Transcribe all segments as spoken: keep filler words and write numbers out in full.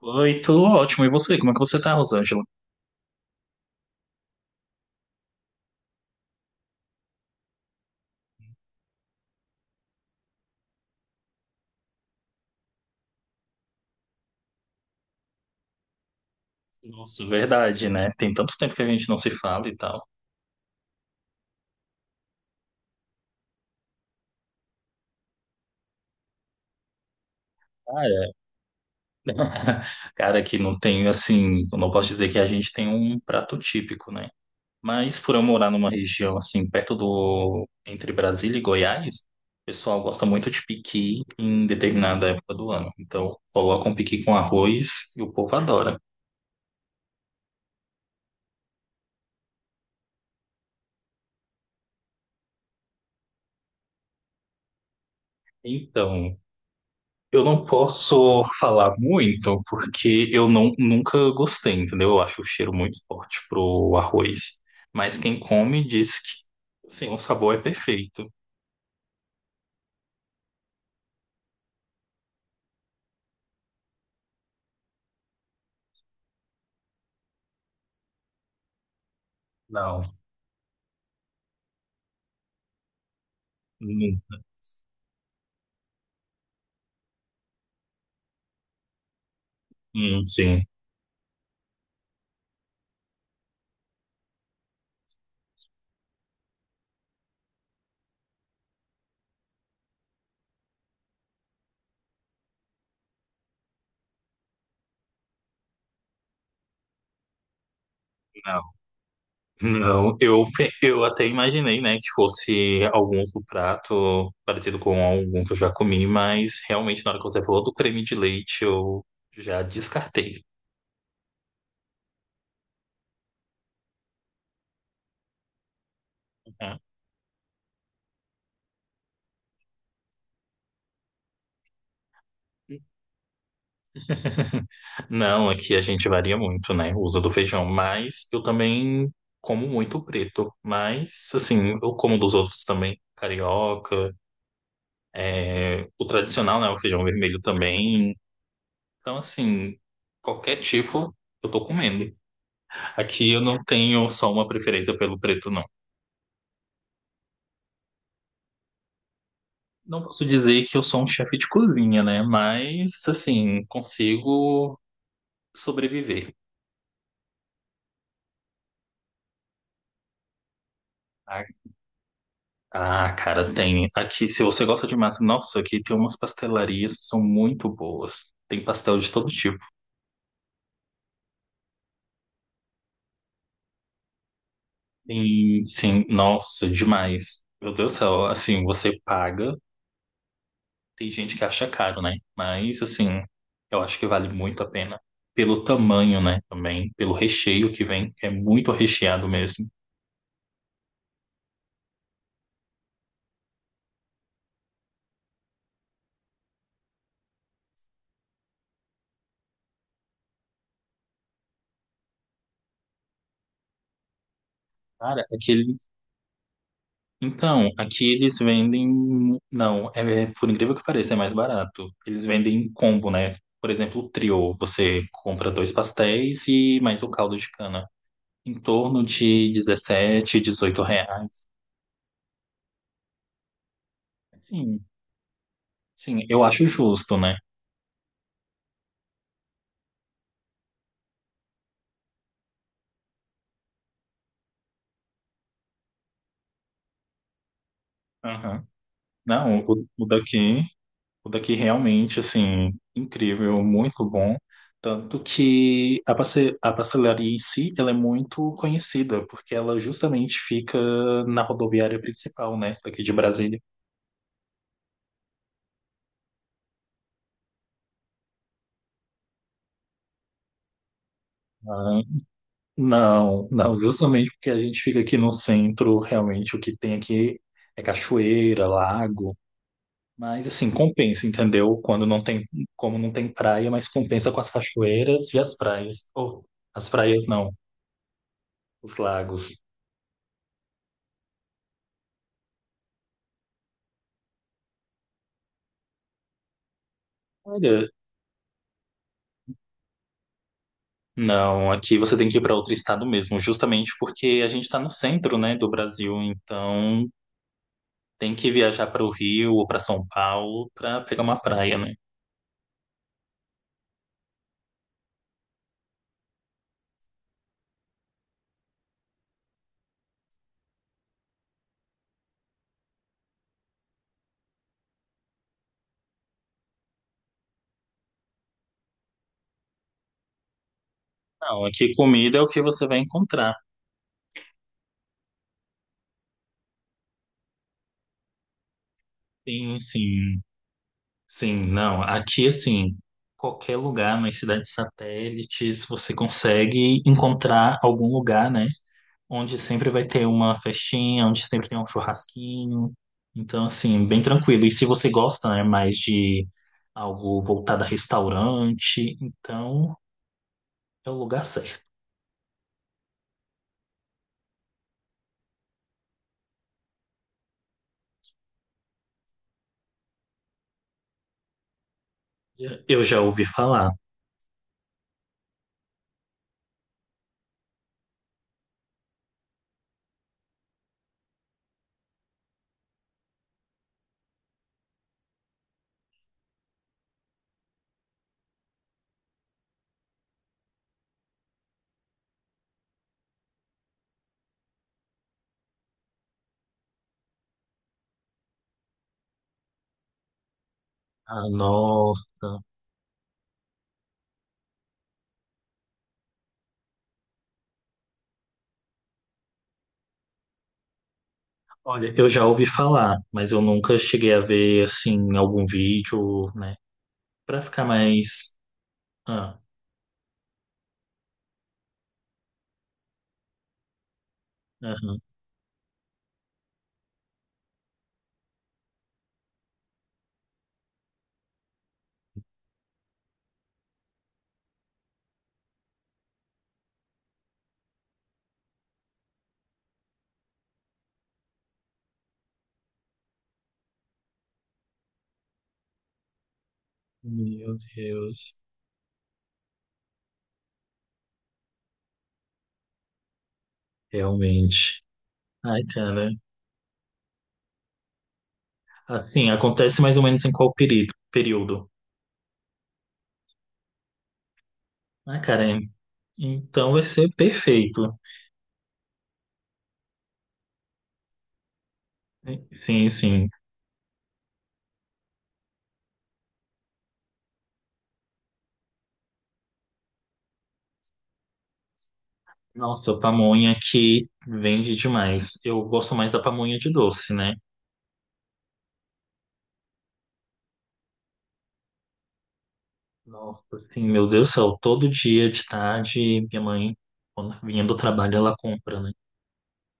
Oi, tudo ótimo. E você? Como é que você tá, Rosângela? Nossa, verdade, né? Tem tanto tempo que a gente não se fala e tal. Cara, cara, que não tem, assim, eu não posso dizer que a gente tem um prato típico, né? Mas por eu morar numa região, assim, perto do, entre Brasília e Goiás, o pessoal gosta muito de piqui em determinada época do ano. Então, colocam piqui com arroz e o povo adora. Então, eu não posso falar muito porque eu não, nunca gostei, entendeu? Eu acho o cheiro muito forte pro arroz. Mas quem come diz que sim, o sabor é perfeito. Não, hum, hum, sim, não, não. Eu, pe- eu até imaginei, né, que fosse algum outro prato parecido com algum que eu já comi, mas realmente na hora que você falou do creme de leite, eu já descartei. Uhum. Não, aqui a gente varia muito, né? O uso do feijão, mas eu também como muito preto. Mas, assim, eu como dos outros também. Carioca, é, o tradicional, né? O feijão vermelho também. Então, assim, qualquer tipo eu tô comendo. Aqui eu não tenho só uma preferência pelo preto, não. Não posso dizer que eu sou um chefe de cozinha, né? Mas, assim, consigo sobreviver. Ah, cara, tem. Aqui, se você gosta de massa, nossa, aqui tem umas pastelarias que são muito boas. Tem pastel de todo tipo. Sim, sim, nossa, demais. Meu Deus do céu, assim, você paga. Tem gente que acha caro, né? Mas, assim, eu acho que vale muito a pena. Pelo tamanho, né? Também, pelo recheio que vem, que é muito recheado mesmo. Cara, aquele. Então, aqui eles vendem. Não, é, por incrível que pareça, é mais barato. Eles vendem em combo, né? Por exemplo, o trio. Você compra dois pastéis e mais o caldo de cana. Em torno de dezessete, dezoito reais. Sim, sim, eu acho justo, né? Aham. Não, o, o daqui. O daqui realmente, assim, incrível, muito bom. Tanto que a passe- a pastelaria em si, ela é muito conhecida, porque ela justamente fica na rodoviária principal, né, aqui de Brasília. Ah, não, não, justamente porque a gente fica aqui no centro, realmente o que tem aqui é cachoeira, lago, mas assim, compensa, entendeu? Quando não tem, como não tem praia, mas compensa com as cachoeiras e as praias. Ou, as praias não, os lagos. Olha, não, aqui você tem que ir para outro estado mesmo, justamente porque a gente está no centro, né, do Brasil, então tem que viajar para o Rio ou para São Paulo para pegar uma praia, né? Não, aqui comida é o que você vai encontrar. Sim, sim, sim, não, aqui assim, qualquer lugar nas cidades satélites você consegue encontrar algum lugar, né, onde sempre vai ter uma festinha, onde sempre tem um churrasquinho. Então, assim, bem tranquilo. E se você gosta, né, mais de algo voltado a restaurante, então é o lugar certo. Eu já ouvi falar. Ah, nossa. Olha, eu já ouvi falar, mas eu nunca cheguei a ver, assim, algum vídeo, né? Pra ficar mais. Ah, aham. Meu Deus. Realmente. Ai, cara. Assim, acontece mais ou menos em qual período? Período? Ah, cara, então vai ser perfeito. Sim, sim. Nossa, pamonha que vende demais. Eu gosto mais da pamonha de doce, né? Nossa, assim, meu Deus do céu, todo dia de tarde, minha mãe, quando vinha do trabalho, ela compra, né?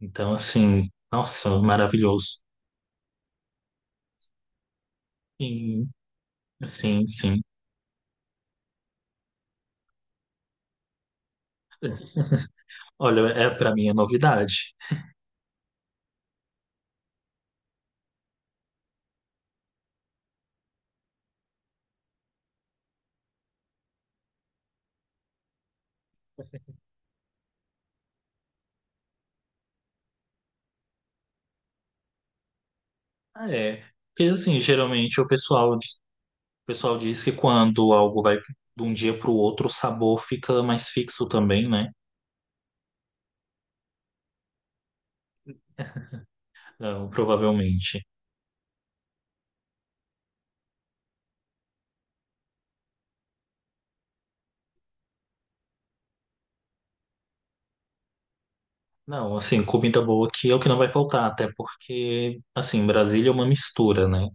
Então, assim, nossa, maravilhoso. Sim, sim, sim. Olha, é, para mim é novidade. Ah, é. Porque assim, geralmente o pessoal, o pessoal diz que quando algo vai de um dia para o outro, o sabor fica mais fixo também, né? Não, provavelmente. Não, assim, comida boa aqui é o que não vai faltar, até porque, assim, Brasília é uma mistura, né?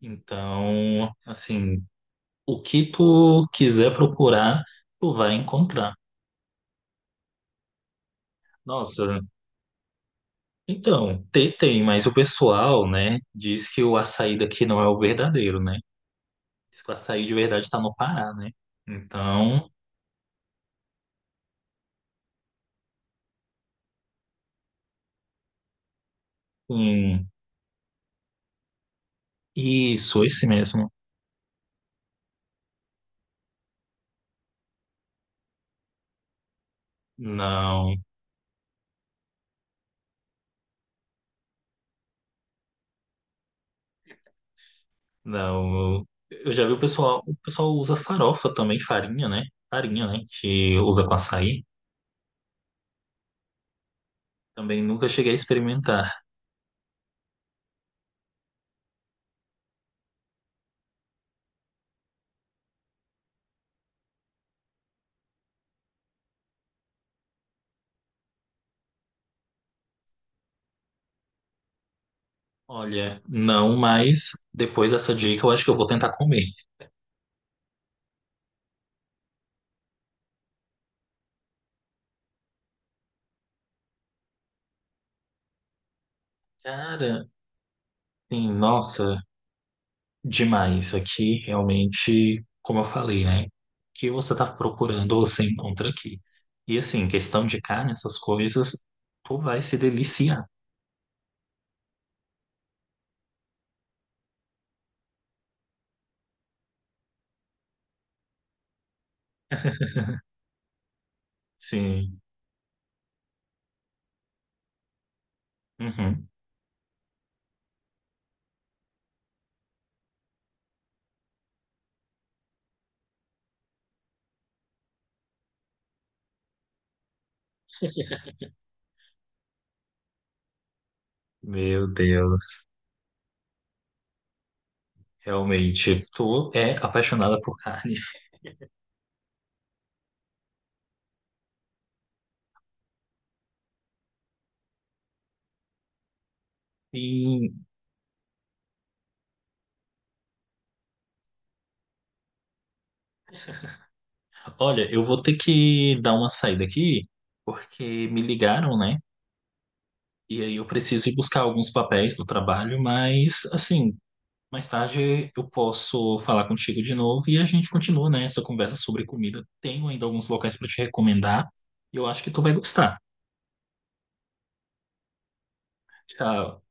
Então, assim, o que tu quiser procurar, tu vai encontrar. Nossa, então, tem, tem, mas o pessoal, né, diz que o açaí daqui não é o verdadeiro, né? Diz que o açaí de verdade tá no Pará, né? Então, hum, isso, esse mesmo. Não. Não, eu eu já vi o pessoal, o pessoal usa farofa também, farinha, né? Farinha, né? Que usa com açaí. Também nunca cheguei a experimentar. Olha, não, mas depois dessa dica eu acho que eu vou tentar comer. Cara, sim, nossa, demais. Aqui realmente, como eu falei, né? O que você tá procurando, você encontra aqui. E assim, questão de carne, essas coisas, tu vai se deliciar. Sim. Uhum. Meu Deus. Realmente, tu é apaixonada por carne. Sim. Olha, eu vou ter que dar uma saída aqui, porque me ligaram, né? E aí eu preciso ir buscar alguns papéis do trabalho, mas assim, mais tarde eu posso falar contigo de novo e a gente continua, né, essa conversa sobre comida. Tenho ainda alguns locais para te recomendar e eu acho que tu vai gostar. Tchau.